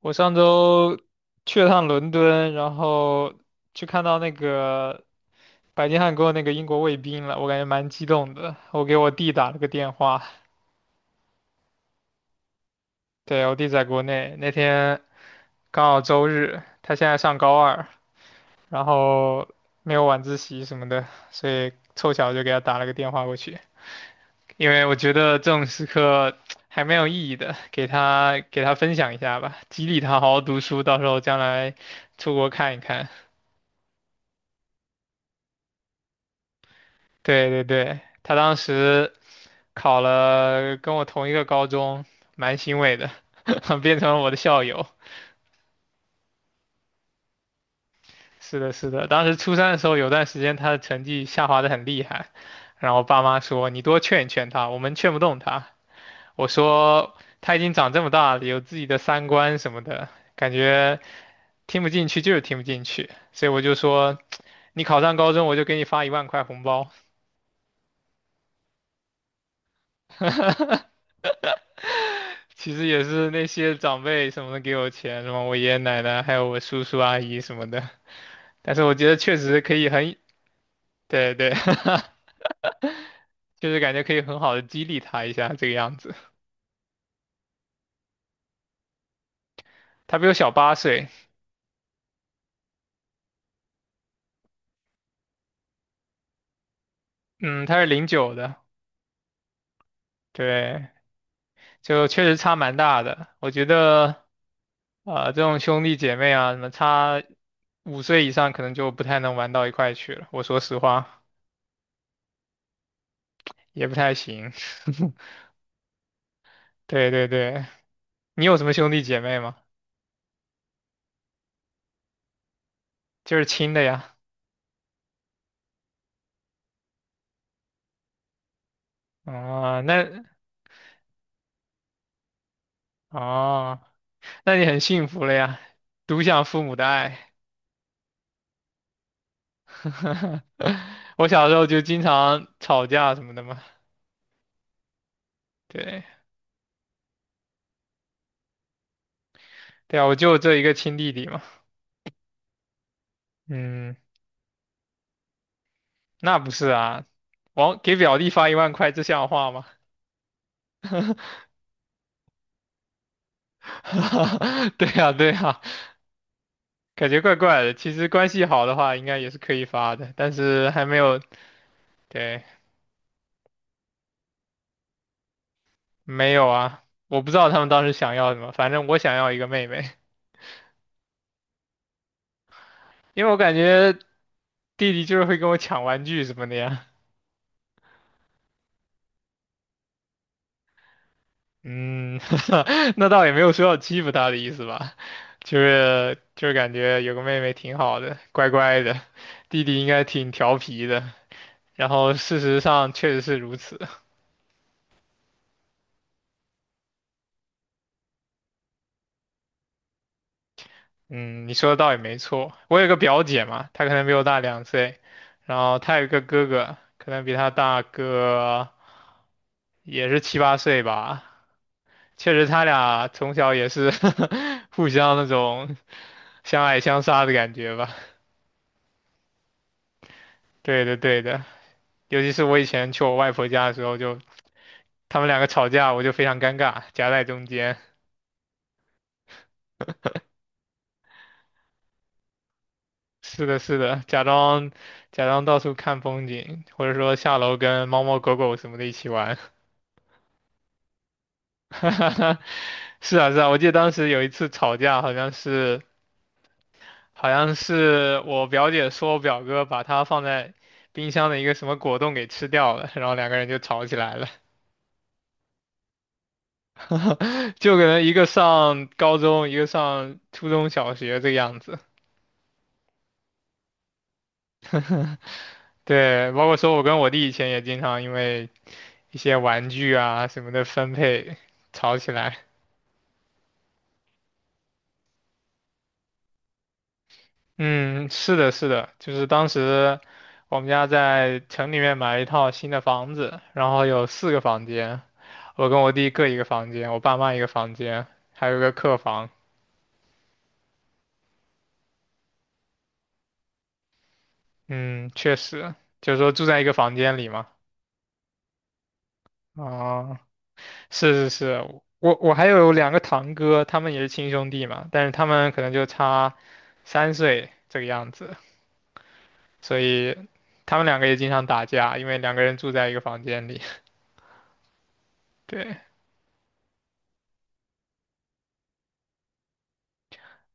我上周去了趟伦敦，然后去看到那个白金汉宫那个英国卫兵了，我感觉蛮激动的。我给我弟打了个电话，对，我弟在国内，那天刚好周日，他现在上高二，然后没有晚自习什么的，所以凑巧就给他打了个电话过去，因为我觉得这种时刻还蛮有意义的，给他分享一下吧，激励他好好读书，到时候将来出国看一看。对对对，他当时考了跟我同一个高中，蛮欣慰的，变成了我的校友。是的，是的，当时初三的时候，有段时间他的成绩下滑的很厉害，然后我爸妈说你多劝一劝他，我们劝不动他。我说他已经长这么大了，有自己的三观什么的，感觉听不进去就是听不进去，所以我就说你考上高中，我就给你发一万块红包。其实也是那些长辈什么的给我钱，什么我爷爷奶奶，还有我叔叔阿姨什么的。但是我觉得确实可以很，对对，就是感觉可以很好的激励他一下这个样子。他比我小八岁，嗯，他是零九的，对，就确实差蛮大的。我觉得，啊，这种兄弟姐妹啊，什么差5岁以上，可能就不太能玩到一块去了。我说实话，也不太行。对对对，你有什么兄弟姐妹吗？就是亲的呀。哦，那哦，那你很幸福了呀，独享父母的爱。我小时候就经常吵架什么的嘛，对对啊，我就这一个亲弟弟嘛，嗯，那不是啊，往给表弟发一万块，这像话吗？对呀对呀，感觉怪怪的。其实关系好的话，应该也是可以发的，但是还没有，对，没有啊，我不知道他们当时想要什么，反正我想要一个妹妹，因为我感觉。弟弟就是会跟我抢玩具什么的呀。嗯，那倒也没有说要欺负他的意思吧，就是感觉有个妹妹挺好的，乖乖的，弟弟应该挺调皮的。然后事实上确实是如此。嗯，你说的倒也没错。我有个表姐嘛，她可能比我大2岁，然后她有一个哥哥，可能比她大个也是七八岁吧。确实，他俩从小也是 互相那种相爱相杀的感觉吧。对的，对的，尤其是我以前去我外婆家的时候就，他们两个吵架，我就非常尴尬，夹在中间。是的，是的，假装到处看风景，或者说下楼跟猫猫狗狗什么的一起玩。是啊，是啊，我记得当时有一次吵架，好像是我表姐说我表哥把她放在冰箱的一个什么果冻给吃掉了，然后两个人就吵起来了，就可能一个上高中，一个上初中小学这个样子。对，包括说我跟我弟以前也经常因为一些玩具啊什么的分配吵起来。嗯，是的，是的，就是当时我们家在城里面买了一套新的房子，然后有四个房间，我跟我弟各一个房间，我爸妈一个房间，还有一个客房。嗯，确实，就是说住在一个房间里嘛。啊，是是是，我还有两个堂哥，他们也是亲兄弟嘛，但是他们可能就差3岁这个样子。所以他们两个也经常打架，因为两个人住在一个房间里。对，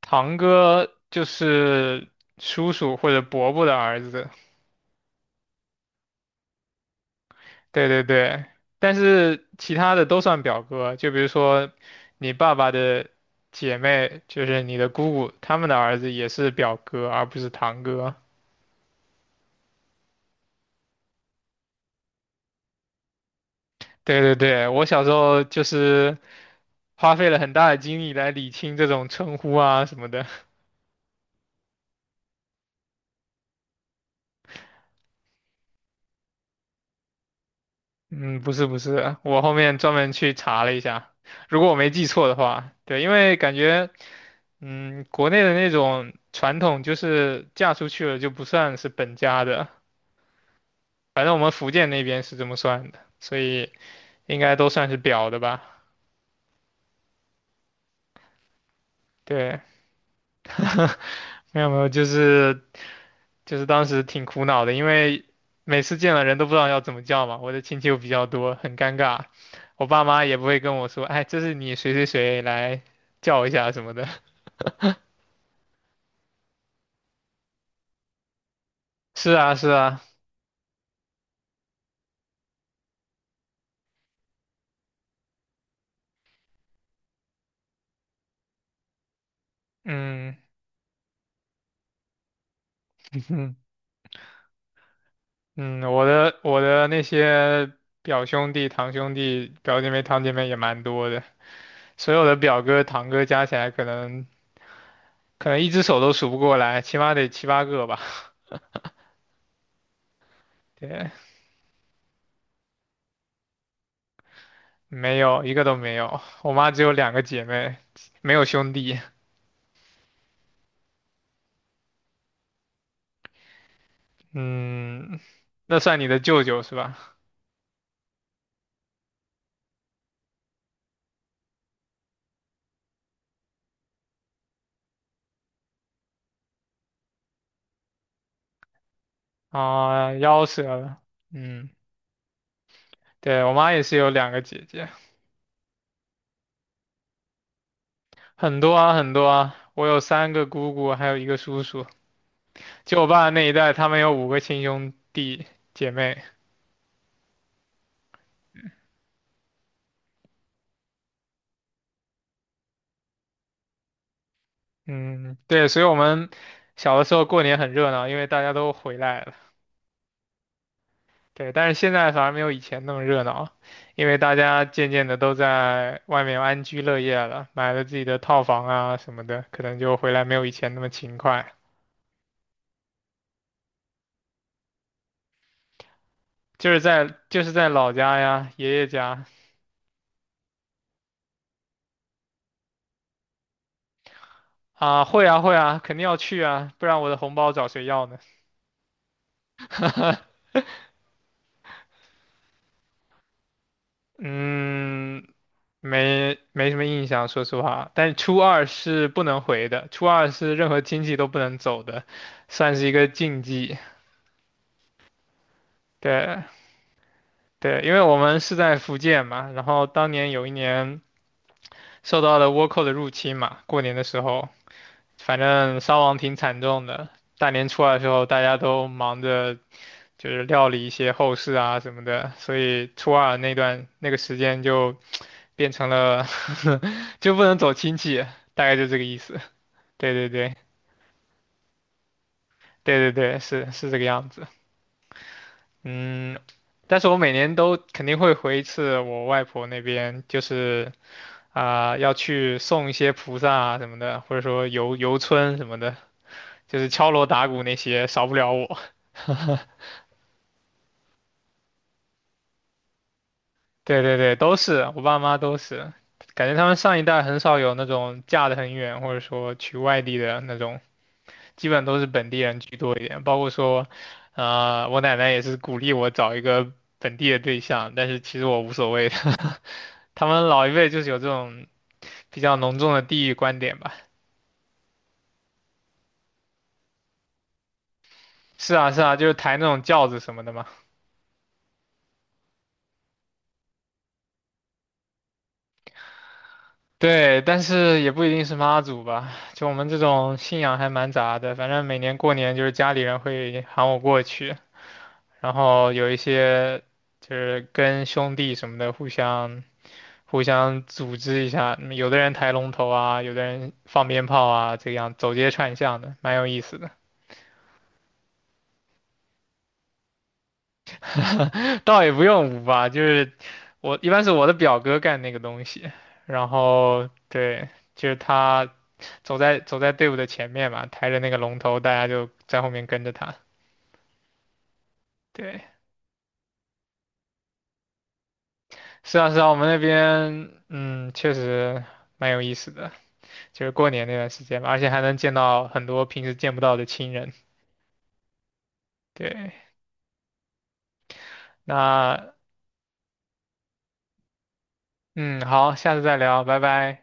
堂哥就是叔叔或者伯伯的儿子。对对对，但是其他的都算表哥，就比如说你爸爸的姐妹，就是你的姑姑，他们的儿子也是表哥，而不是堂哥。对对对，我小时候就是花费了很大的精力来理清这种称呼啊什么的。嗯，不是不是，我后面专门去查了一下，如果我没记错的话，对，因为感觉，嗯，国内的那种传统就是嫁出去了就不算是本家的，反正我们福建那边是这么算的，所以应该都算是表的吧。对，没有没有，就是当时挺苦恼的，因为每次见了人都不知道要怎么叫嘛，我的亲戚又比较多，很尴尬，我爸妈也不会跟我说，哎，这是你谁谁谁来叫一下什么的。是啊，是啊，嗯 嗯，我的那些表兄弟、堂兄弟、表姐妹、堂姐妹也蛮多的，所有的表哥、堂哥加起来，可能一只手都数不过来，起码得七八个吧。对，没有一个都没有，我妈只有两个姐妹，没有兄弟。嗯，那算你的舅舅是吧？啊、夭折了。嗯，对，我妈也是有两个姐姐，很多啊，很多啊，我有三个姑姑，还有一个叔叔。就我爸那一代，他们有五个亲兄弟姐妹。嗯，对，所以我们小的时候过年很热闹，因为大家都回来了。对，但是现在反而没有以前那么热闹，因为大家渐渐的都在外面安居乐业了，买了自己的套房啊什么的，可能就回来没有以前那么勤快。就是在老家呀，爷爷家啊，会啊会啊，肯定要去啊，不然我的红包找谁要呢？嗯，没没什么印象，说实话。但是初二是不能回的，初二是任何亲戚都不能走的，算是一个禁忌。对对，因为我们是在福建嘛，然后当年有一年受到了倭寇的入侵嘛，过年的时候，反正伤亡挺惨重的。大年初二的时候，大家都忙着就是料理一些后事啊什么的，所以初二那段那个时间就变成了 就不能走亲戚，大概就这个意思。对对对。对对对，是是这个样子。嗯，但是我每年都肯定会回一次我外婆那边，就是啊、要去送一些菩萨啊什么的，或者说游游村什么的，就是敲锣打鼓那些少不了我。对对对，都是我爸妈都是，感觉他们上一代很少有那种嫁得很远，或者说去外地的那种基本都是本地人居多一点，包括说，啊，我奶奶也是鼓励我找一个本地的对象，但是其实我无所谓的。他们老一辈就是有这种比较浓重的地域观点吧。是啊，是啊，就是抬那种轿子什么的嘛。对，但是也不一定是妈祖吧，就我们这种信仰还蛮杂的。反正每年过年就是家里人会喊我过去，然后有一些就是跟兄弟什么的互相组织一下，嗯有的人抬龙头啊，有的人放鞭炮啊，这样走街串巷的，蛮有意思的。倒也不用舞吧，就是我一般是我的表哥干那个东西，然后对，就是他走在队伍的前面嘛，抬着那个龙头，大家就在后面跟着他。对，是啊是啊，我们那边确实蛮有意思的，就是过年那段时间吧，而且还能见到很多平时见不到的亲人。对，那嗯，好，下次再聊，拜拜。